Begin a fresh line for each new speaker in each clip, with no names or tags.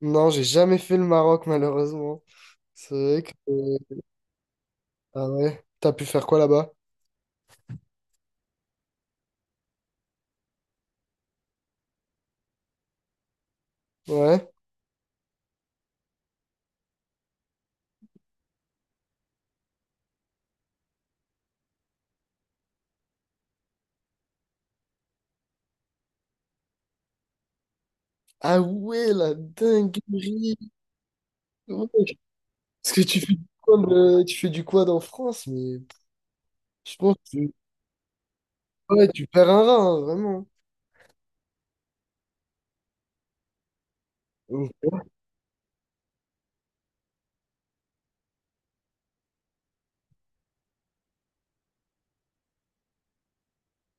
Non, j'ai jamais fait le Maroc, malheureusement. C'est vrai que... Ah ouais? T'as pu faire quoi là-bas? Ouais. Ah ouais, la dinguerie! Ouais. Parce que tu fais du quad, tu fais du quad en France, mais je pense que ouais, tu perds un rein, hein, vraiment.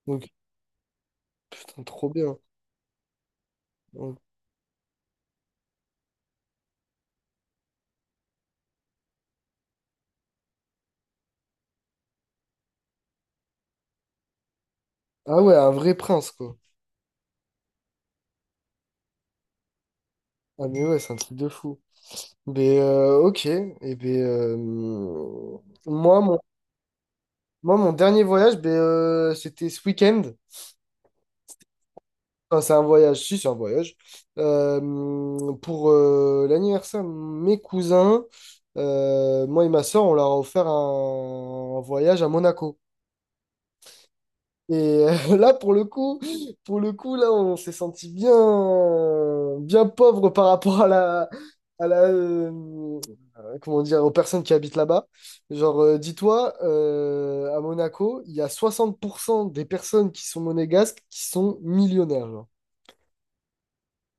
Donc, putain, trop bien. Ouais. Ah ouais, un vrai prince, quoi. Ah mais ouais, c'est un truc de fou. Mais ok, et ben moi, mon, moi, mon dernier voyage, ben, c'était ce week-end. Enfin, c'est un voyage, si, c'est un voyage. Pour l'anniversaire de mes cousins, moi et ma soeur, on leur a offert un voyage à Monaco. Et là, pour le coup, là, on s'est senti bien, bien pauvre par rapport à à la, euh, comment dire, aux personnes qui habitent là-bas. Genre, dis-toi, à Monaco, il y a 60% des personnes qui sont monégasques qui sont millionnaires, genre.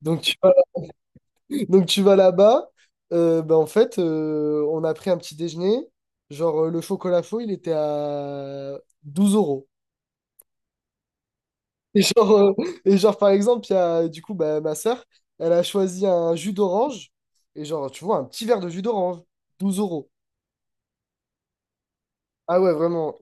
Donc tu vas, donc tu vas là-bas, ben, en fait, on a pris un petit déjeuner. Genre, le chocolat chaud, il était à 12 euros. Et genre, euh, et genre, par exemple, il y a, du coup, bah, ma sœur, elle a choisi un jus d'orange. Et genre, tu vois, un petit verre de jus d'orange, 12 euros. Ah ouais, vraiment.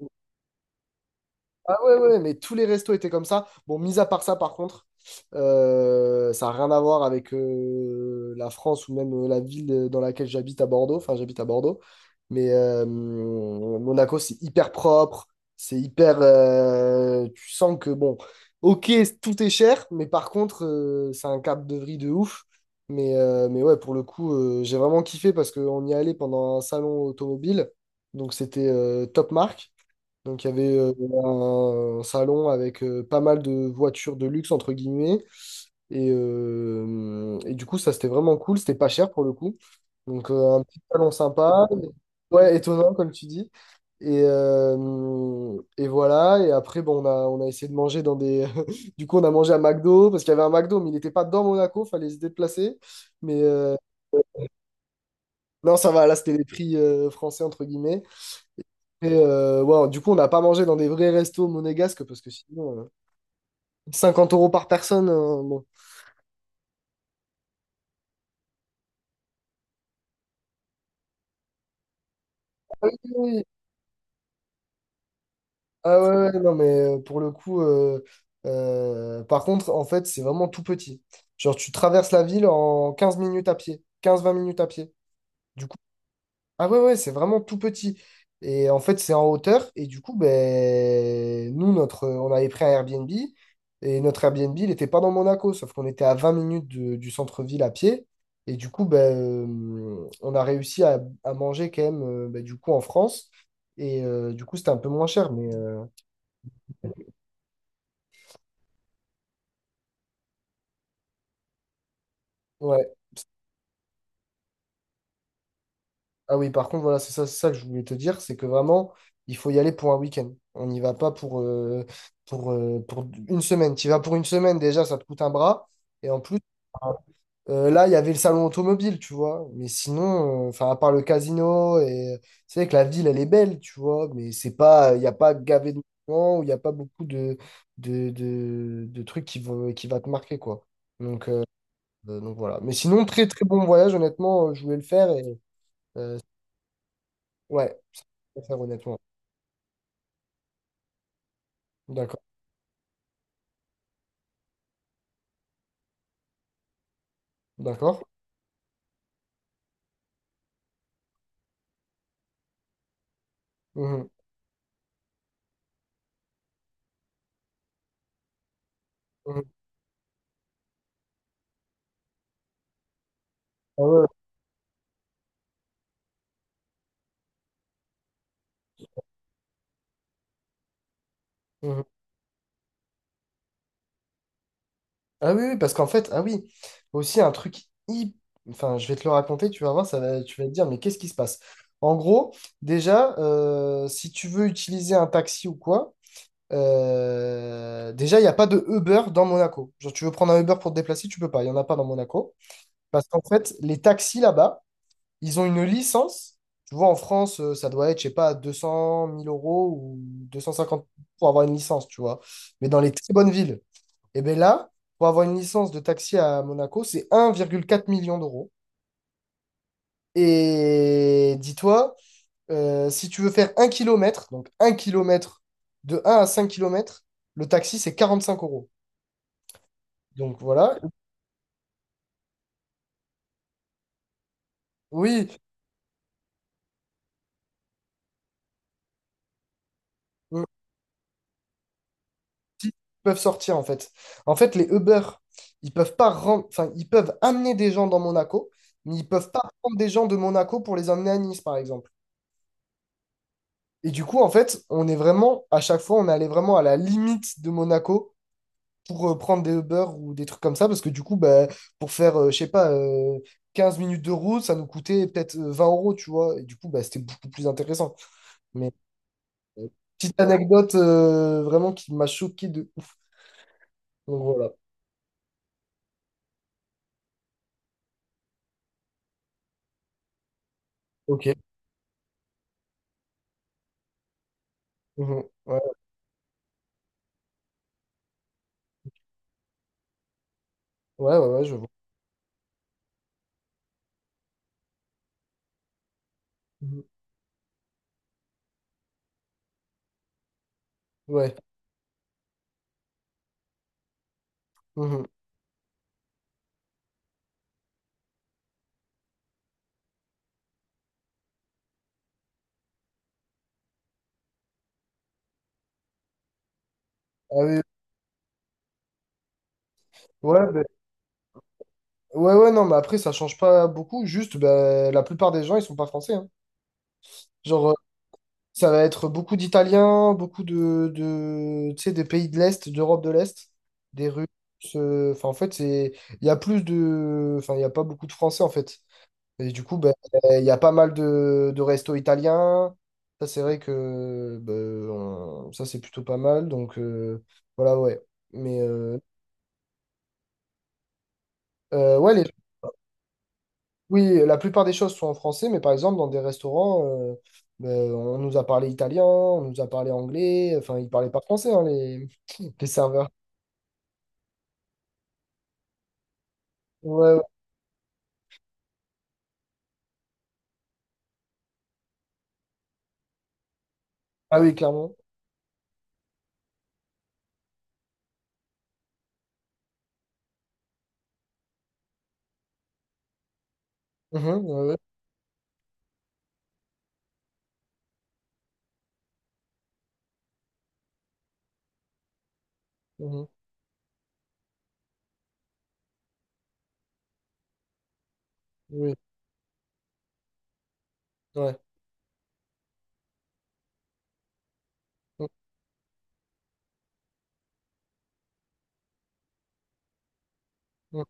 Ah ouais, ouais, mais tous les restos étaient comme ça. Bon, mis à part ça, par contre, ça n'a rien à voir avec la France ou même la ville dans laquelle j'habite à Bordeaux. Enfin, j'habite à Bordeaux. Mais Monaco, c'est hyper propre. C'est hyper... tu sens que, bon, ok, tout est cher, mais par contre, c'est un cap de vrille de ouf. Mais ouais, pour le coup, j'ai vraiment kiffé parce qu'on y allait pendant un salon automobile. Donc, c'était top marque. Donc il y avait un salon avec pas mal de voitures de luxe, entre guillemets. Et du coup, ça, c'était vraiment cool. C'était pas cher pour le coup. Donc un petit salon sympa. Ouais, étonnant, comme tu dis. Et voilà. Et après, bon, on a essayé de manger dans des. Du coup, on a mangé à McDo parce qu'il y avait un McDo, mais il n'était pas dans Monaco. Fallait se déplacer. Mais non, ça va. Là, c'était les prix français, entre guillemets. Ouais, du coup, on n'a pas mangé dans des vrais restos monégasques parce que sinon, 50 euros par personne. Euh, bon. Oui. Ah ouais, ouais, ouais, non, mais pour le coup, par contre, en fait, c'est vraiment tout petit. Genre, tu traverses la ville en 15 minutes à pied, 15 20 minutes à pied. Ah ouais, ouais, c'est vraiment tout petit. Et en fait, c'est en hauteur. Et du coup, ben, on avait pris un Airbnb. Et notre Airbnb, il n'était pas dans Monaco, sauf qu'on était à 20 minutes de- du centre-ville à pied. Et du coup, ben, on a réussi à manger quand même, ben, du coup, en France. Et du coup, c'était un peu moins cher. Mais ouais. Ah oui, par contre, voilà, c'est ça que je voulais te dire, c'est que vraiment, il faut y aller pour un week-end. On n'y va pas pour, pour une semaine. Tu y vas pour une semaine, déjà, ça te coûte un bras. Et en plus, là, il y avait le salon automobile, tu vois. Mais sinon, enfin, à part le casino, et c'est vrai que la ville, elle est belle, tu vois. Mais c'est pas, il n'y a pas gavé de moments, où il n'y a pas beaucoup de trucs qui vont, qui va te marquer, quoi. Donc, euh, donc voilà. Mais sinon, très très bon voyage, honnêtement, je voulais le faire. Et, ouais, ça peut faire honnêtement. D'accord, d'accord. Mhm, mhm. Ah ouais. Mhm. Ah oui, oui, parce qu'en fait, ah oui, aussi un truc hyp- enfin, je vais te le raconter, tu vas voir, ça va, tu vas te dire, mais qu'est-ce qui se passe? En gros, déjà, si tu veux utiliser un taxi ou quoi, déjà, il n'y a pas de Uber dans Monaco. Genre, tu veux prendre un Uber pour te déplacer, tu peux pas, il n'y en a pas dans Monaco. Parce qu'en fait, les taxis là-bas, ils ont une licence. Tu vois, en France, ça doit être, je sais pas, 200 000 euros ou 250 pour avoir une licence, tu vois. Mais dans les très bonnes villes, et bien là, pour avoir une licence de taxi à Monaco, c'est 1,4 million d'euros. Et dis-toi, si tu veux faire donc 1 kilomètre, de 1 à 5 kilomètres, le taxi, c'est 45 euros. Donc voilà. Oui, oui, peuvent sortir en fait. En fait, les Uber, ils peuvent pas ren- enfin, ils peuvent amener des gens dans Monaco, mais ils peuvent pas prendre des gens de Monaco pour les emmener à Nice, par exemple. Et du coup, en fait, on est vraiment, à chaque fois, on est allé vraiment à la limite de Monaco pour prendre des Uber ou des trucs comme ça, parce que du coup, bah, pour faire, je sais pas, 15 minutes de route, ça nous coûtait peut-être 20 euros, tu vois. Et du coup, bah, c'était beaucoup plus intéressant. Mais euh, petite anecdote vraiment qui m'a choqué de ouf. Donc voilà. Ok. Mhm. Ouais, ouais, ouais, ouais, je vois. Mhm. Ouais. Mhm. Ah oui. Ouais, ben- ouais, ouais, non, mais après, ça change pas beaucoup. Juste, ben, la plupart des gens, ils sont pas français, hein. Genre, ça va être beaucoup d'Italiens, beaucoup tu sais, des pays de l'Est, d'Europe de l'Est, des Russes. Enfin, en fait, il y a plus de, enfin, il y a pas beaucoup de Français, en fait. Et du coup, ben, il y a pas mal de restos italiens. Ça, c'est vrai que, ben, ça, c'est plutôt pas mal. Donc, voilà, ouais. Mais, euh, ouais, les oui, la plupart des choses sont en français, mais par exemple, dans des restaurants, on nous a parlé italien, on nous a parlé anglais, enfin, ils parlaient pas français, hein, les, les serveurs. Ouais, ouais. Ah oui, clairement. Mhm, ouais, ouais, mhm, oui, ouais. Mhm, mhm.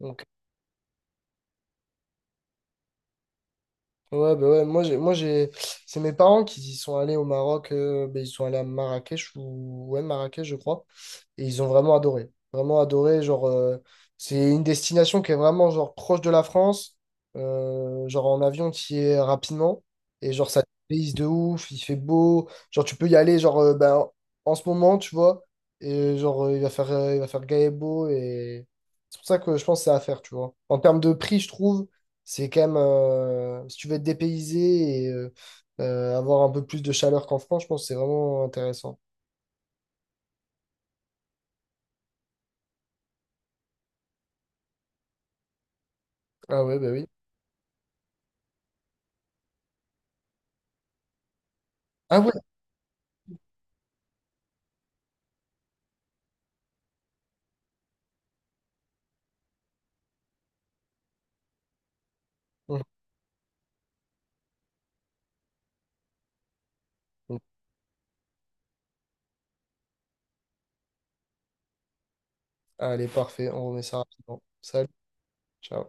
Donc, ouais, bah ouais, c'est mes parents qui y sont allés au Maroc, bah, ils sont allés à Marrakech ou ouais Marrakech je crois, et ils ont vraiment adoré, genre c'est une destination qui est vraiment genre proche de la France, genre en avion qui est rapidement et genre ça te payse de ouf, il fait beau, genre tu peux y aller genre ben, en ce moment tu vois, et genre il va faire gai et beau et c'est pour ça que je pense que c'est à faire tu vois. En termes de prix je trouve. C'est quand même, si tu veux être dépaysé et avoir un peu plus de chaleur qu'en France, je pense que c'est vraiment intéressant. Ah ouais, bah oui. Ah ouais. Mhm. Allez, parfait, on remet ça rapidement. Salut, ciao.